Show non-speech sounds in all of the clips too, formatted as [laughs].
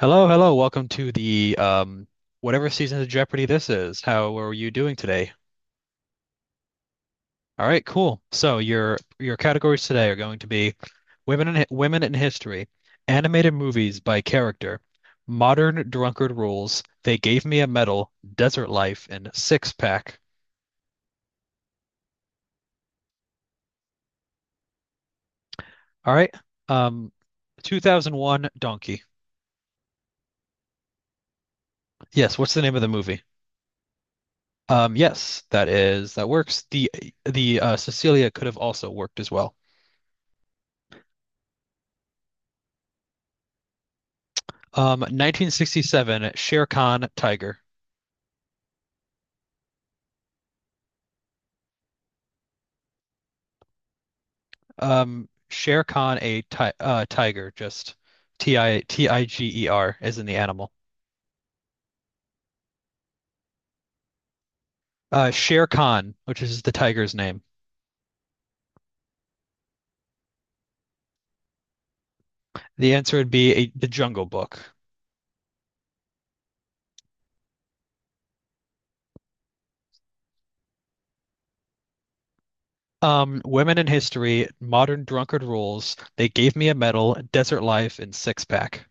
Hello, hello. Welcome to the whatever season of Jeopardy this is. How are you doing today? All right, cool. So your categories today are going to be women in history, animated movies by character, modern drunkard rules, they gave me a medal, desert life, and six pack. All right. Um, 2001 Donkey. Yes, what's the name of the movie? Yes, that works. The Cecilia could have also worked as well. 1967, Shere Khan Tiger. Shere Khan a ti tiger, just T I T I G E R as in the animal. Shere Khan, which is the tiger's name. The answer would be The Jungle Book. Women in history, modern drunkard rules. They gave me a medal, desert life, and six pack.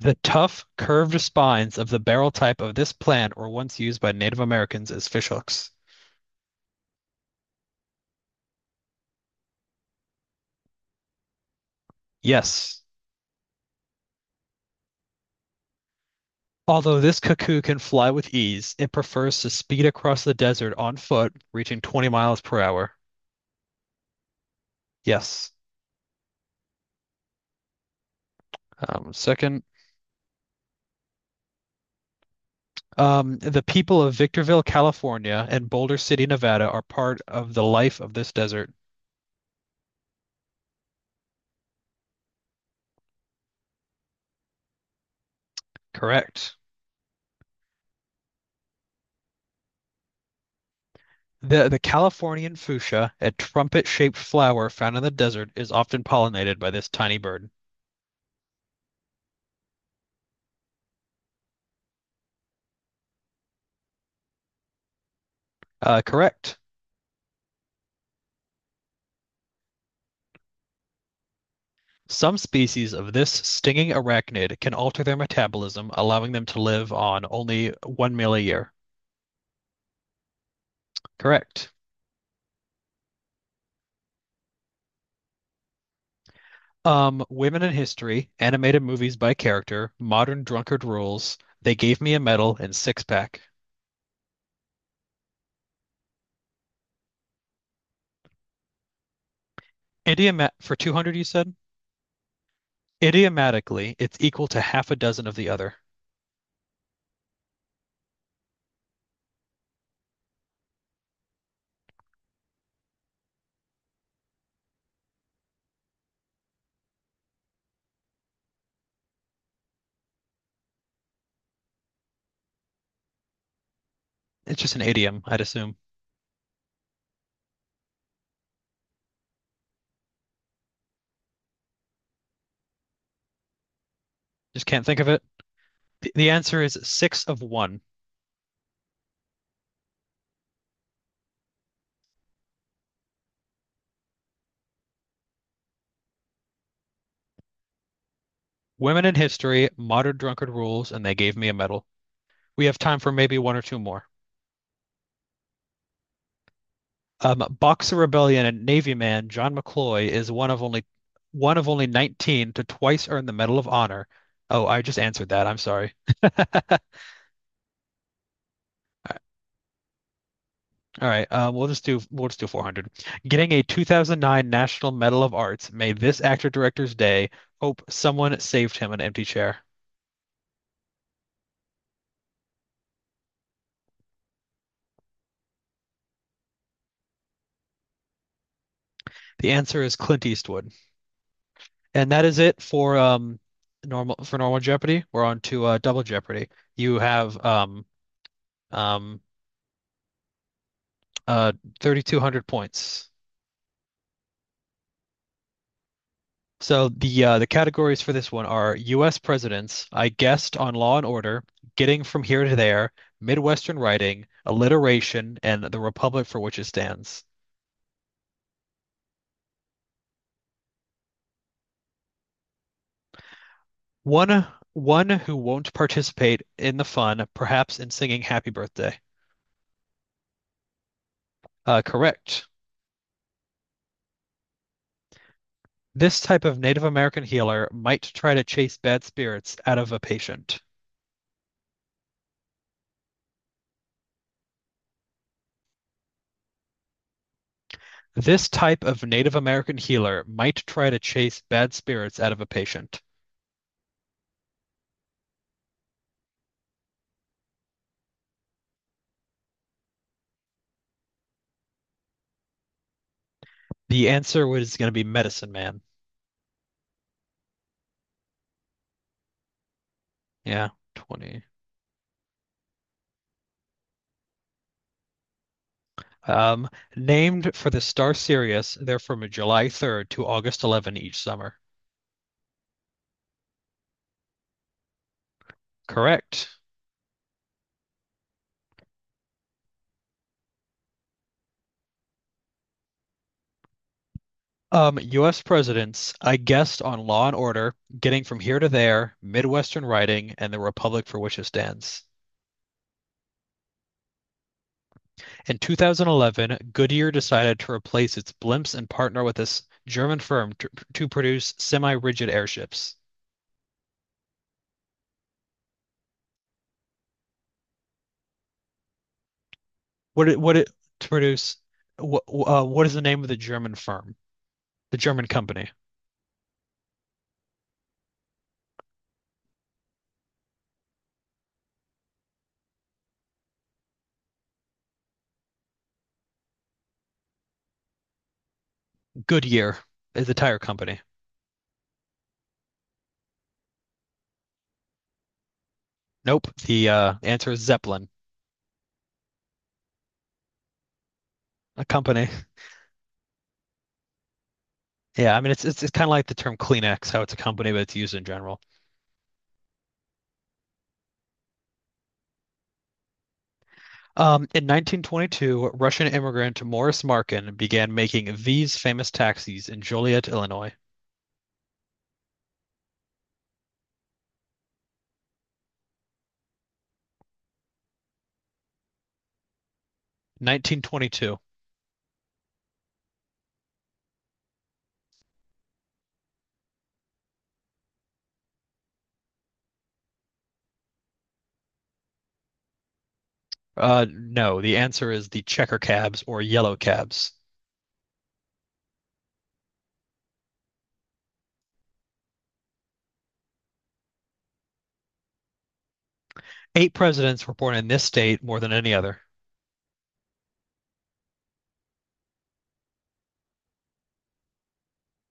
The tough, curved spines of the barrel type of this plant were once used by Native Americans as fishhooks. Yes. Although this cuckoo can fly with ease, it prefers to speed across the desert on foot, reaching 20 miles per hour. Yes. Second, the people of Victorville, California, and Boulder City, Nevada, are part of the life of this desert. Correct. The Californian fuchsia, a trumpet-shaped flower found in the desert, is often pollinated by this tiny bird. Correct. Some species of this stinging arachnid can alter their metabolism, allowing them to live on only one meal a year. Correct. Women in history, animated movies by character, modern drunkard rules. They gave me a medal and six pack. Idioma for 200, you said? Idiomatically, it's equal to half a dozen of the other. It's just an idiom, I'd assume. Just can't think of it. The answer is six of one. Women in history, modern drunkard rules, and they gave me a medal. We have time for maybe one or two more. Boxer Rebellion and Navy Man John McCloy is one of only 19 to twice earn the Medal of Honor. Oh, I just answered that. I'm sorry. [laughs] All right, all right. We'll just do 400. Getting a 2009 National Medal of Arts made this actor director's day. Hope someone saved him an empty chair. The answer is Clint Eastwood, and that is it for normal Jeopardy. We're on to Double Jeopardy. You have um uh 3,200 points. So the categories for this one are U.S. presidents, I guessed on Law and Order, Getting from Here to There, Midwestern Writing, Alliteration, and the Republic for which it stands. One one who won't participate in the fun, perhaps in singing Happy Birthday. Correct. This type of Native American healer might try to chase bad spirits out of a patient. This type of Native American healer might try to chase bad spirits out of a patient. The answer was going to be medicine man. Yeah, 20. Um, Named for the star Sirius, they're from July 3rd to August 11 each summer. Correct. US presidents, I guessed on Law and Order, Getting from Here to There, Midwestern Writing, and the Republic for which it stands. In 2011, Goodyear decided to replace its blimps and partner with this German firm to produce semi-rigid airships. What it to produce? What is the name of the German firm? The German company. Goodyear is a tire company. Nope. The answer is Zeppelin, a company. [laughs] Yeah, I mean it's kind of like the term Kleenex, how it's a company, but it's used in general. In 1922, Russian immigrant Morris Markin began making these famous taxis in Joliet, Illinois. 1922. No, the answer is the checker cabs or yellow cabs. Eight presidents were born in this state more than any other.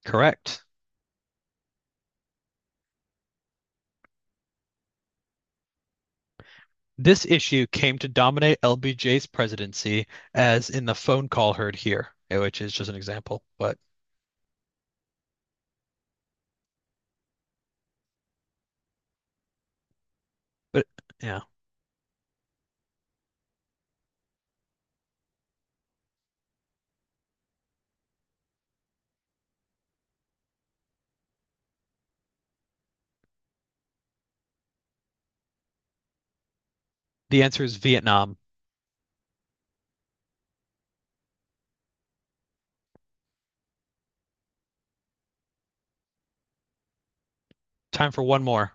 Correct. This issue came to dominate LBJ's presidency, as in the phone call heard here, which is just an example. But yeah, the answer is Vietnam. Time for one more.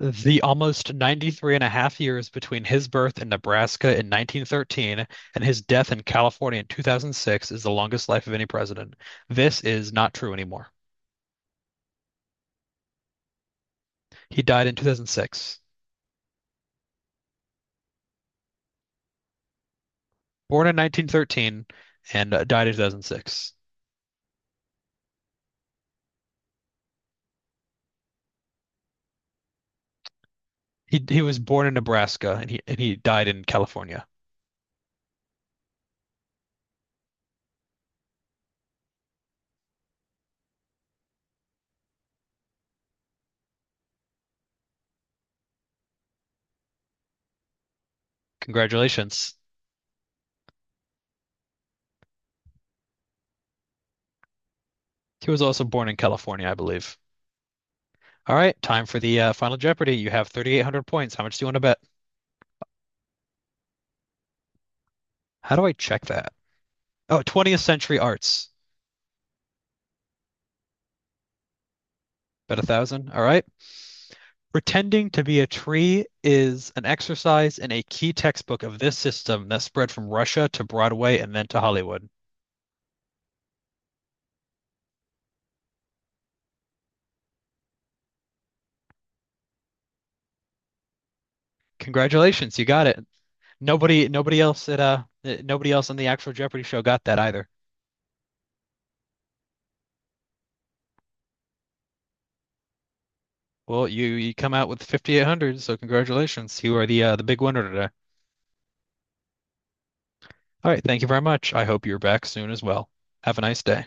The almost 93 and a half years between his birth in Nebraska in 1913 and his death in California in 2006 is the longest life of any president. This is not true anymore. He died in 2006, born in 1913, and died in 2006. He was born in Nebraska and he died in California. Congratulations. He was also born in California, I believe. All right, time for the Final Jeopardy. You have 3,800 points. How much do you want to bet? How do I check that? Oh, 20th Century Arts. Bet a thousand. All right. Pretending to be a tree is an exercise in a key textbook of this system that spread from Russia to Broadway and then to Hollywood. Congratulations, you got it. Nobody else on the actual Jeopardy show got that either. Well, you come out with 5,800, so congratulations. You are the big winner today. All right, thank you very much. I hope you're back soon as well. Have a nice day.